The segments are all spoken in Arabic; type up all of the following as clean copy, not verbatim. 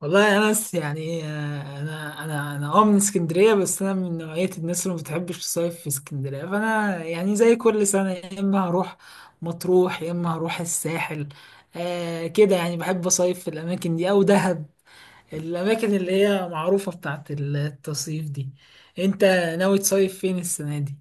والله يا انس انا من اسكندريه، بس انا من نوعيه الناس اللي ما بتحبش الصيف في اسكندريه، فانا يعني زي كل سنه يا اما هروح مطروح يا اما هروح الساحل. آه كده، يعني بحب اصيف في الاماكن دي او دهب، الاماكن اللي هي معروفه بتاعت التصيف دي. انت ناوي تصيف فين السنه دي؟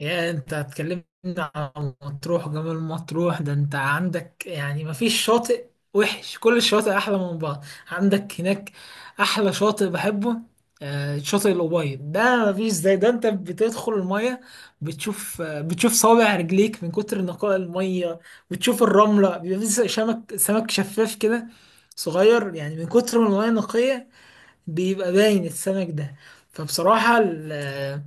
يا انت هتكلمني عن مطروح وجمال مطروح؟ ده انت عندك يعني مفيش شاطئ وحش، كل الشواطئ احلى من بعض عندك هناك. احلى شاطئ بحبه شاطئ الأبيض، ده مفيش زي ده. انت بتدخل المية بتشوف، بتشوف صابع رجليك من كتر نقاء المية، بتشوف الرملة، بيبقى في سمك شفاف كده صغير يعني، من كتر ما المية نقية بيبقى باين السمك ده. فبصراحة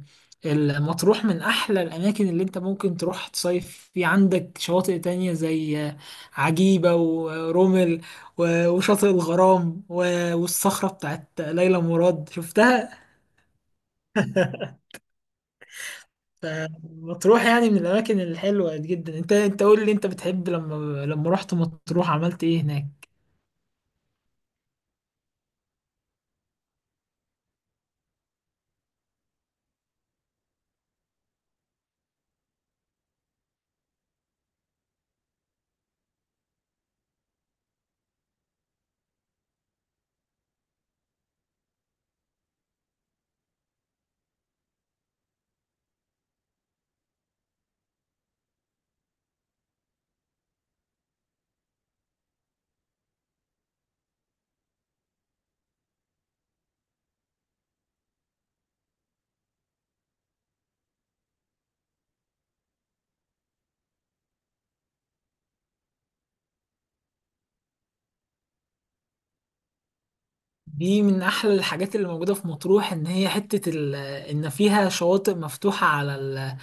المطروح من أحلى الأماكن اللي أنت ممكن تروح تصيف في. عندك شواطئ تانية زي عجيبة ورمل وشاطئ الغرام والصخرة بتاعت ليلى مراد، شفتها؟ فمطروح يعني من الأماكن الحلوة جدا. أنت قول لي، أنت بتحب لما رحت مطروح عملت إيه هناك؟ دي من احلى الحاجات اللي موجوده في مطروح، ان هي حته ان فيها شواطئ مفتوحه على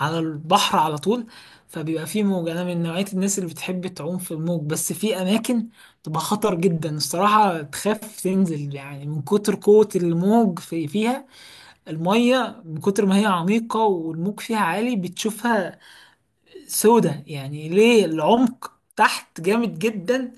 على البحر على طول، فبيبقى فيه موج. انا من نوعية الناس اللي بتحب تعوم في الموج، بس في اماكن تبقى خطر جدا الصراحة، تخاف تنزل يعني من كتر قوة الموج في فيها. المية من كتر ما هي عميقة والموج فيها عالي، بتشوفها سودة يعني ليه العمق تحت جامد جدا.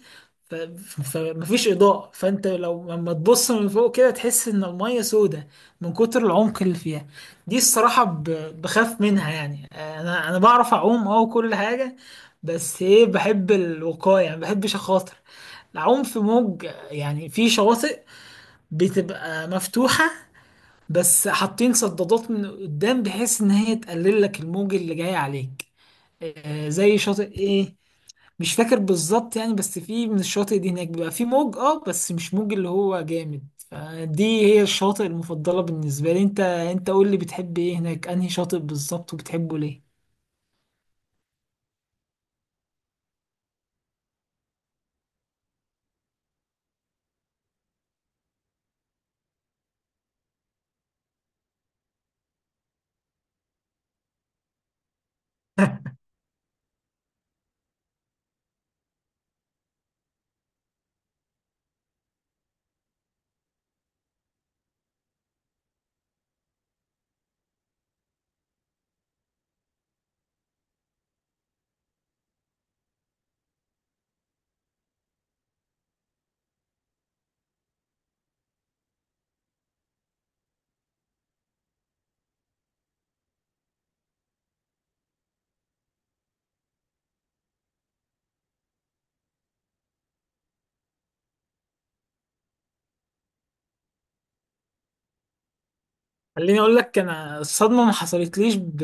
ف- ف- فمفيش إضاءة، فأنت لو لما تبص من فوق كده تحس إن المية سودة من كتر العمق اللي فيها. دي الصراحة بخاف منها يعني. أنا بعرف أعوم وكل حاجة، بس إيه، بحب الوقاية يعني، مبحبش أخاطر العوم في موج. يعني في شواطئ بتبقى مفتوحة بس حاطين صدادات من قدام بحيث إن هي تقلل لك الموج اللي جاي عليك. زي شاطئ إيه، مش فاكر بالظبط يعني، بس في من الشواطئ دي هناك بيبقى في موج، بس مش موج اللي هو جامد. فدي هي الشواطئ المفضلة بالنسبة لي. انت قول لي، بتحب ايه هناك؟ انهي شاطئ بالظبط وبتحبه ليه؟ خليني اقول لك، انا الصدمة ما حصلتليش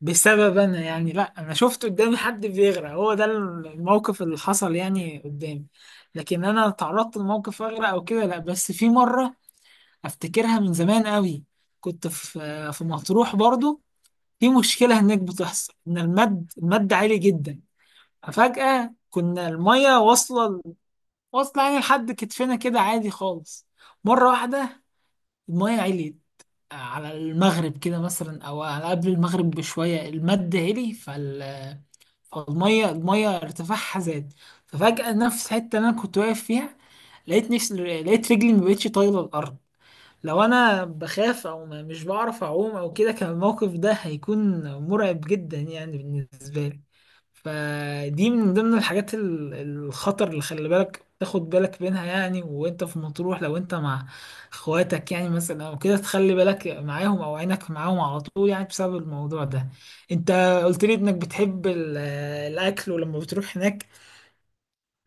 بسبب انا يعني، لا، انا شفت قدامي حد بيغرق، هو ده الموقف اللي حصل يعني قدامي. لكن انا تعرضت لموقف اغرق او كده، لا، بس في مرة افتكرها من زمان قوي، كنت في في مطروح برضو. في مشكلة هناك بتحصل، إن المد عالي جدا. ففجأة كنا المية واصلة واصلة يعني لحد كتفنا كده عادي خالص. مرة واحدة المية عليت على المغرب كده مثلا أو على قبل المغرب بشوية، المد علي، فالمية المية ارتفاعها زاد. ففجأة نفس الحتة اللي أنا كنت واقف فيها لقيت نفس، لقيت رجلي مبقتش طايلة الأرض. لو انا بخاف او مش بعرف اعوم او كده كان الموقف ده هيكون مرعب جدا يعني بالنسبه لي. فدي من ضمن الحاجات الخطر اللي خلي بالك تاخد بالك منها يعني، وانت في مطروح لو انت مع اخواتك يعني مثلا او كده تخلي بالك معاهم او عينك معاهم على طول يعني بسبب الموضوع ده. انت قلت لي انك بتحب الاكل، ولما بتروح هناك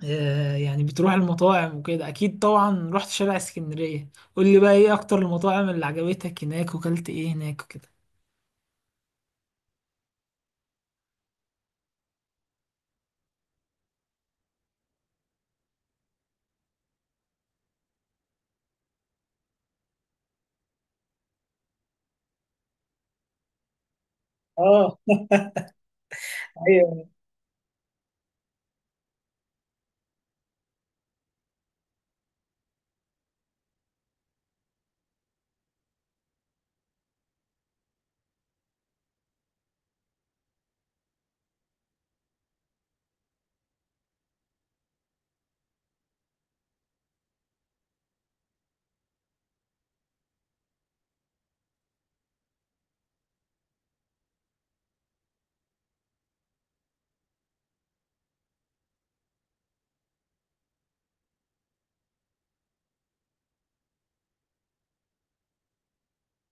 يعني بتروح المطاعم وكده اكيد، طبعا رحت شارع اسكندرية. قول لي بقى، ايه اكتر المطاعم اللي عجبتك هناك، وكلت ايه هناك وكده؟ اه ايوه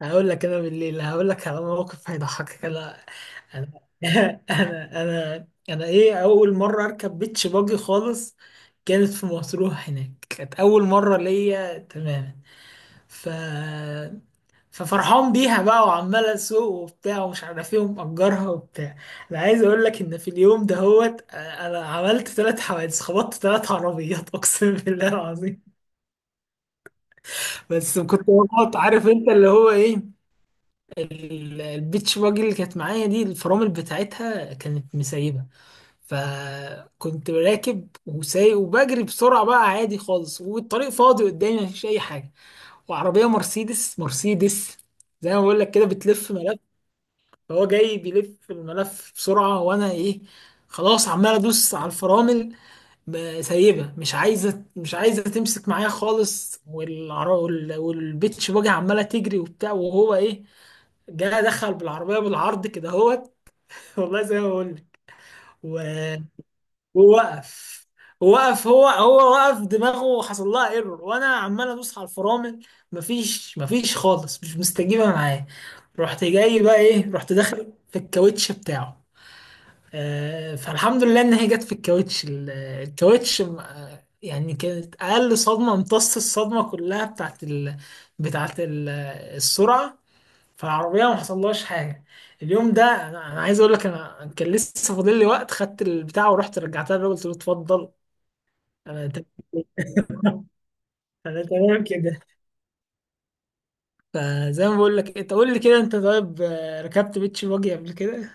هقول لك. انا بالليل هقول لك على موقف هيضحكك. انا انا انا انا انا ايه، اول مره اركب بيتش باجي خالص كانت في مطروح هناك، كانت اول مره ليا تماما. ف ففرحان بيها بقى، وعمال اسوق وبتاع ومش عارف ايه ومأجرها وبتاع. انا عايز اقول لك ان في اليوم ده هوت انا عملت ثلاث حوادث، خبطت ثلاث عربيات، اقسم بالله العظيم. بس كنت بخبط، عارف انت اللي هو ايه، البيتش باجي اللي كانت معايا دي الفرامل بتاعتها كانت مسيبه. فكنت راكب وسايق وبجري بسرعه بقى عادي خالص، والطريق فاضي قدامي مفيش اي حاجه، وعربيه مرسيدس زي ما بقول لك كده بتلف، فهو جاي بيلف الملف بسرعة. وانا ايه، خلاص عمال ادوس على الفرامل، سايبها، مش عايزة تمسك معايا خالص، والعر- وال- والبيتش باجي عمالة تجري وبتاع. وهو ايه، جاي دخل بالعربية بالعرض كده اهوت، والله زي ما بقول لك. و- ووقف، وقف، هو وقف دماغه، حصل لها ايرور، وانا عمال ادوس على الفرامل، مفيش خالص، مش مستجيبه معاه. رحت جاي بقى ايه، رحت داخل في الكاوتش بتاعه. فالحمد لله ان هي جت في الكاوتش الكاوتش. يعني كانت اقل صدمه، امتص الصدمه كلها بتاعت بتاعت ال... السرعه، فالعربيه ما حصلهاش حاجه. اليوم ده انا، أنا عايز اقول لك، انا كان لسه فاضل لي وقت، خدت البتاع ورحت رجعتها للراجل، قلت له اتفضل انا تمام. انا تمام كده. فزي ما بقول لك، انت قول لي كده، انت طيب ركبت بيتش باجي قبل كده؟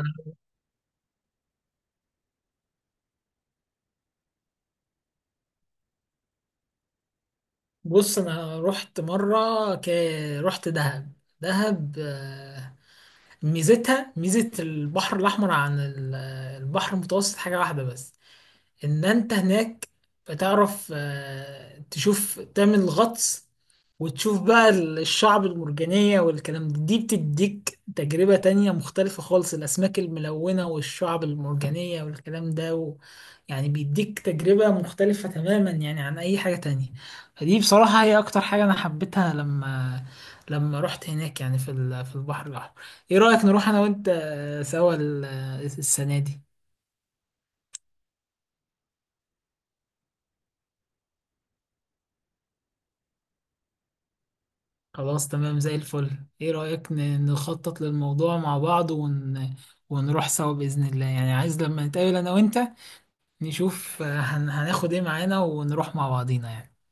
أنا- بص، انا رحت مره ك... رحت دهب. دهب ميزتها، ميزة البحر الأحمر عن البحر المتوسط حاجة واحدة بس، ان انت هناك بتعرف تشوف، تعمل غطس وتشوف بقى الشعب المرجانية والكلام ده. دي بتديك تجربة تانية مختلفة خالص، الأسماك الملونة والشعب المرجانية والكلام ده يعني بيديك تجربة مختلفة تماما يعني عن أي حاجة تانية. فدي بصراحة هي أكتر حاجة أنا حبيتها لما رحت هناك يعني في في البحر الأحمر. إيه رأيك نروح أنا وأنت سوا السنة دي؟ خلاص تمام زي الفل. ايه رأيك نخطط للموضوع مع بعض ون... ونروح سوا بإذن الله؟ يعني عايز لما نتقابل انا وانت نشوف هناخد ايه معانا ونروح مع بعضينا يعني.